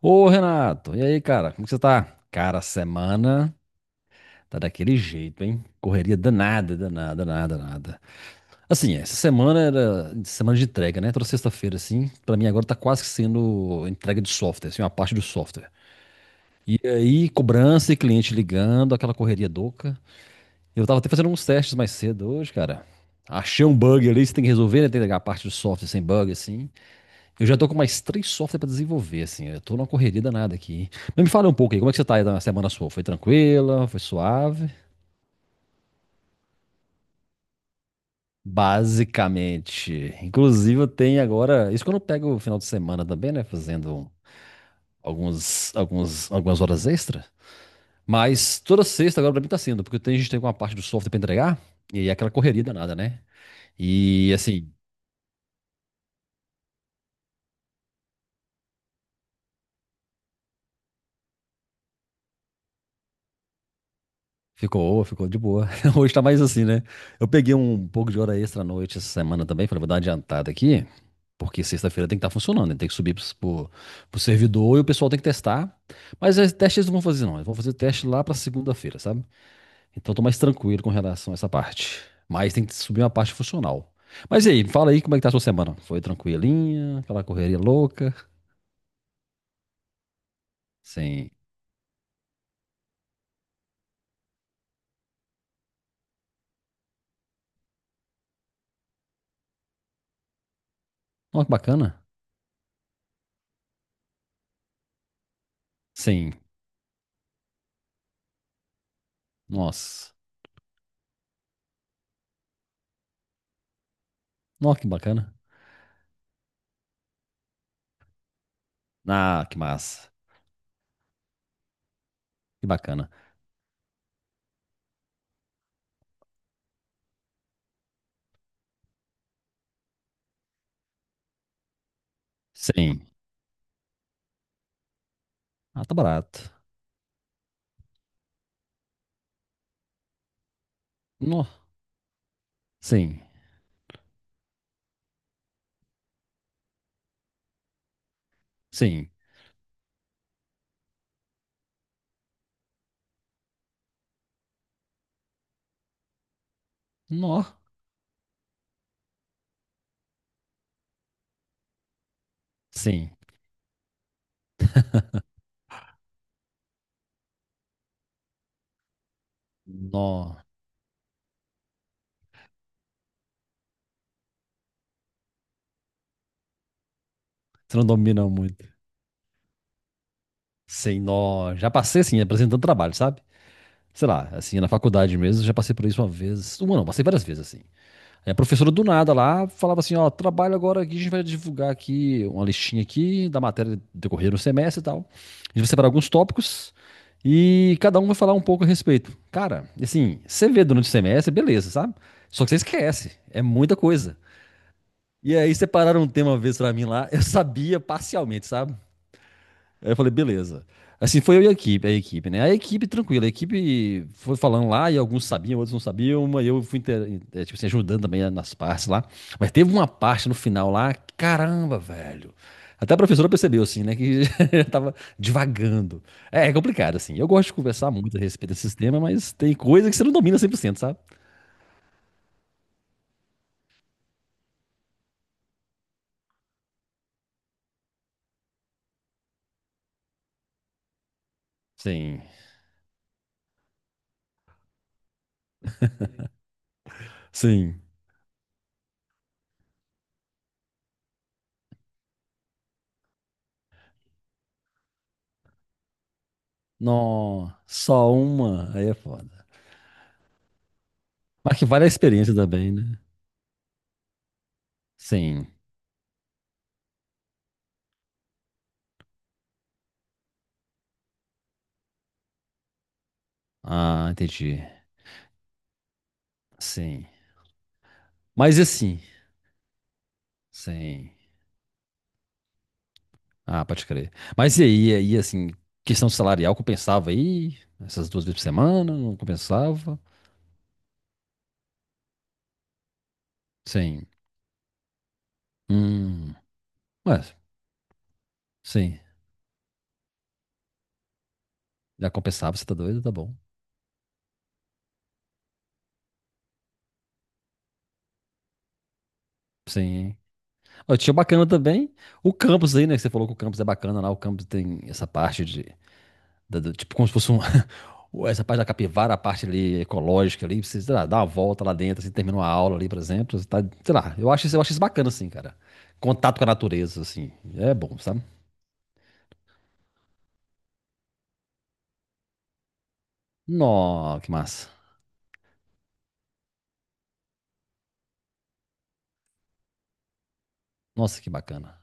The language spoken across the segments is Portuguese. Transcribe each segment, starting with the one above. Ô, Renato, e aí, cara? Como que você tá? Cara, a semana tá daquele jeito, hein? Correria danada, danada, danada, danada. Assim, essa semana era semana de entrega, né? Toda sexta-feira, assim, pra mim agora tá quase que sendo entrega de software, assim, uma parte do software. E aí, cobrança e cliente ligando, aquela correria doca. Eu tava até fazendo uns testes mais cedo hoje, cara. Achei um bug ali, você tem que resolver, né? Tem que pegar a parte do software sem bug, assim. Eu já tô com mais três softwares pra desenvolver, assim. Eu tô numa correria danada aqui, hein? Mas me fala um pouco aí, como é que você tá aí na semana sua? Foi tranquila? Foi suave? Basicamente. Inclusive, eu tenho agora. Isso quando eu pego o final de semana também, né? Fazendo algumas horas extra. Mas toda sexta agora pra mim tá sendo, porque a gente tem uma parte do software pra entregar. E aí é aquela correria danada, né? E assim, Ficou de boa. Hoje tá mais assim, né? Eu peguei um pouco de hora extra à noite essa semana também. Falei, vou dar uma adiantada aqui, porque sexta-feira tem que estar funcionando, né? Tem que subir pro servidor e o pessoal tem que testar. Mas os testes eles não vão fazer, não. Eles vão fazer o teste lá pra segunda-feira, sabe? Então eu tô mais tranquilo com relação a essa parte. Mas tem que subir uma parte funcional. Mas e aí, fala aí como é que tá a sua semana? Foi tranquilinha? Aquela correria louca? Sim. Nossa, que bacana. Sim. Nossa. Nossa, que bacana. Ah, que massa. Que bacana. Sim. Ah, tá barato. Nó. Sim. Sim. Nó. Sim. Nó. Você não domina muito. Sim, nó. Já passei, assim, apresentando trabalho, sabe? Sei lá, assim, na faculdade mesmo, já passei por isso uma vez. Uma não, passei várias vezes, assim. A professora do nada lá falava assim, ó, trabalho agora aqui, a gente vai divulgar aqui uma listinha aqui da matéria decorrer no semestre e tal. A gente vai separar alguns tópicos e cada um vai falar um pouco a respeito. Cara, assim, você vê durante o semestre, beleza, sabe? Só que você esquece, é muita coisa. E aí separaram um tema uma vez pra mim lá, eu sabia parcialmente, sabe? Aí eu falei, beleza. Assim, foi eu e a equipe, né? A equipe tranquila, a equipe foi falando lá e alguns sabiam, outros não sabiam, mas eu fui, tipo assim, ajudando também nas partes lá. Mas teve uma parte no final lá, caramba, velho. Até a professora percebeu, assim, né, que eu tava divagando. É, é complicado, assim. Eu gosto de conversar muito a respeito desse tema, mas tem coisa que você não domina cem por cento, sabe? Sim, sim. Não, só uma, aí é foda. Mas que vale a experiência também, né? Sim. Ah, entendi. Sim. Mas e assim, sim. Ah, pode crer. Mas e aí assim, questão salarial compensava aí? Essas duas vezes por semana, não compensava? Sim. Hum. Mas, sim. Já compensava, você tá doido? Tá bom. Sim. Ó, tinha o bacana também. O campus aí, né? Que você falou que o campus é bacana lá. O campus tem essa parte de tipo como se fosse um, essa parte da capivara, a parte ali ecológica ali, você, sei lá, dá uma volta lá dentro, assim, termina uma aula ali, por exemplo, você tá, sei lá, eu acho, eu acho isso bacana, assim, cara. Contato com a natureza, assim, é bom, sabe? Nó, que massa. Nossa, que bacana.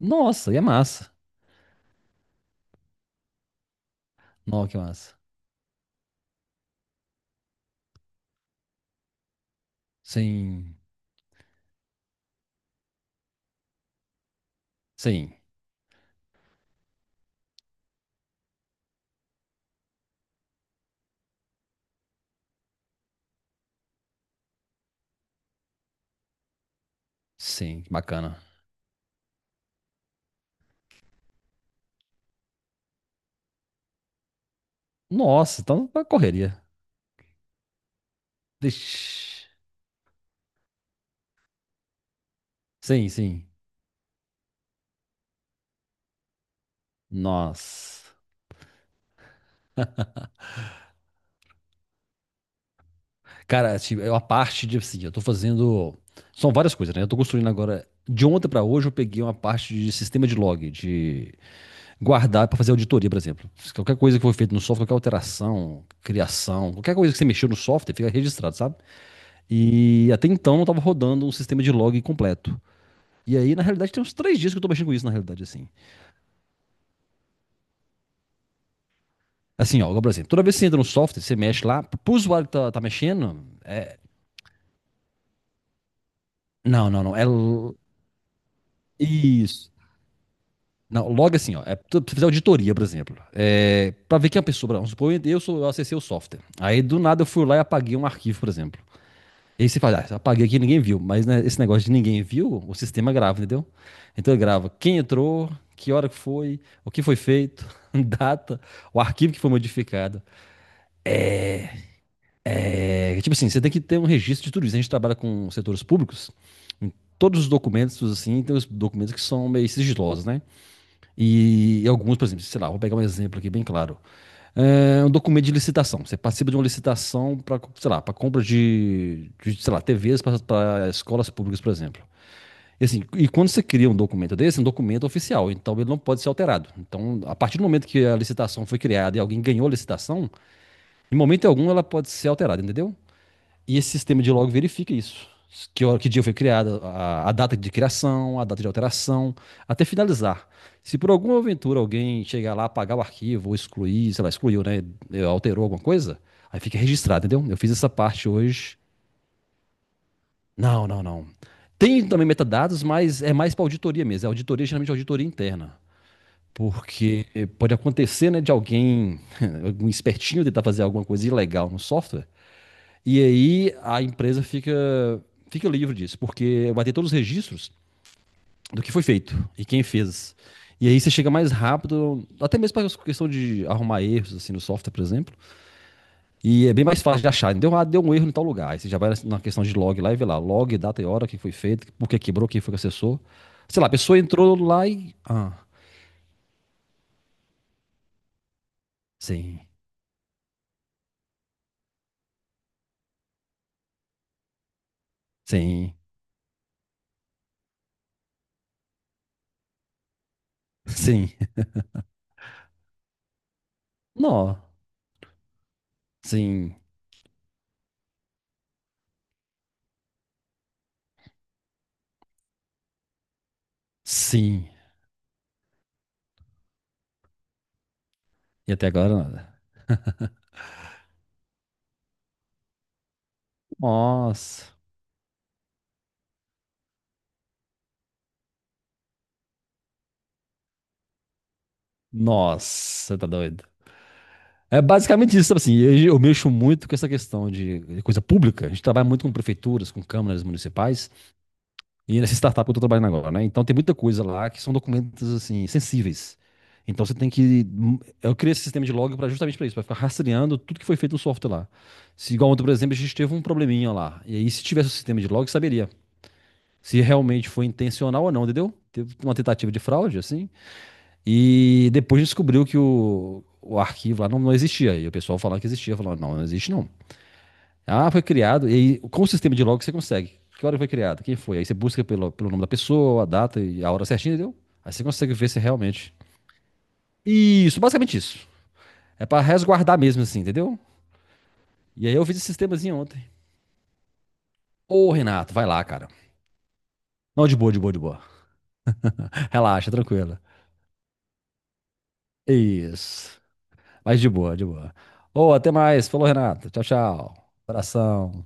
Nossa, e é massa. Nó, que massa. Sim, sim, sim, que bacana. Nossa, então, uma correria. Ixi. Sim, sim. Nossa. Cara, assim, é uma parte de assim, eu tô fazendo. São várias coisas, né? Eu tô construindo agora. De ontem pra hoje eu peguei uma parte de sistema de log, de guardar pra fazer auditoria, por exemplo. Se qualquer coisa que foi feita no software, qualquer alteração, criação, qualquer coisa que você mexeu no software, fica registrado, sabe? E até então não tava rodando um sistema de log completo. E aí, na realidade, tem uns três dias que eu tô mexendo com isso, na realidade, assim. Assim, ó, agora, por exemplo, toda vez que você entra no software, você mexe lá, pro usuário que tá mexendo, é... Não, não, não. Isso. Não, logo assim, ó, é, tu fizer auditoria, por exemplo, é, para ver quem é a pessoa, vamos supor, eu, sou, eu acessei o software. Aí do nada eu fui lá e apaguei um arquivo, por exemplo. E aí você fala, ah, apaguei aqui e ninguém viu, mas né, esse negócio de ninguém viu, o sistema grava, entendeu? Então ele grava quem entrou, que hora que foi, o que foi feito, data, o arquivo que foi modificado. É, tipo assim, você tem que ter um registro de tudo isso. A gente trabalha com setores públicos, todos os documentos, assim, tem os documentos que são meio sigilosos, né? E alguns, por exemplo, sei lá, vou pegar um exemplo aqui bem claro. É um documento de licitação. Você participa de uma licitação para, sei lá, para compra sei lá, TVs para escolas públicas, por exemplo. E, assim, e quando você cria um documento desse, é um documento oficial, então ele não pode ser alterado. Então, a partir do momento que a licitação foi criada e alguém ganhou a licitação, em momento algum ela pode ser alterada, entendeu? E esse sistema de log verifica isso. Que, que dia foi criada, a data de criação, a data de alteração, até finalizar. Se por alguma aventura alguém chegar lá, apagar o arquivo, ou excluir, sei lá, excluiu, né? Alterou alguma coisa, aí fica registrado, entendeu? Eu fiz essa parte hoje. Não, não, não. Tem também metadados, mas é mais para auditoria mesmo. É auditoria, geralmente auditoria interna. Porque pode acontecer, né, de alguém, algum espertinho tentar fazer alguma coisa ilegal no software. E aí a empresa fica, fica livre disso, porque vai ter todos os registros do que foi feito e quem fez. E aí você chega mais rápido, até mesmo para questão de arrumar erros assim no software, por exemplo. E é bem mais fácil de achar. Deu, ah, deu um erro em tal lugar. Aí você já vai na questão de log lá e vê lá, log, data e hora, o que foi feito, por que quebrou, quem foi que acessou. Sei lá, a pessoa entrou lá e. Ah, sim, sim, sim. Não, sim, sim. E até agora nada. Nossa. Nossa, tá doido. É basicamente isso, sabe assim, eu mexo muito com essa questão de coisa pública. A gente trabalha muito com prefeituras, com câmaras municipais e nessa startup que eu tô trabalhando agora, né? Então tem muita coisa lá que são documentos assim sensíveis. Então você tem que eu criei esse sistema de log para justamente para isso, para ficar rastreando tudo que foi feito no software lá. Se igual ontem, por exemplo, a gente teve um probleminha lá. E aí se tivesse o sistema de log, saberia se realmente foi intencional ou não, entendeu? Teve uma tentativa de fraude assim, e depois descobriu que o arquivo lá não existia. E o pessoal falando que existia, falando, não, não existe não. Ah, foi criado, e aí, com o sistema de log você consegue. Que hora foi criado? Quem foi? Aí você busca pelo nome da pessoa, a data e a hora certinha, entendeu? Aí você consegue ver se é realmente. Isso, basicamente isso. É pra resguardar mesmo, assim, entendeu? E aí eu fiz esse sistemazinho ontem. Ô, Renato, vai lá, cara. Não, de boa, de boa, de boa. Relaxa, tranquila. Isso. Mas de boa, de boa. Ô, até mais. Falou, Renato. Tchau, tchau. Abração.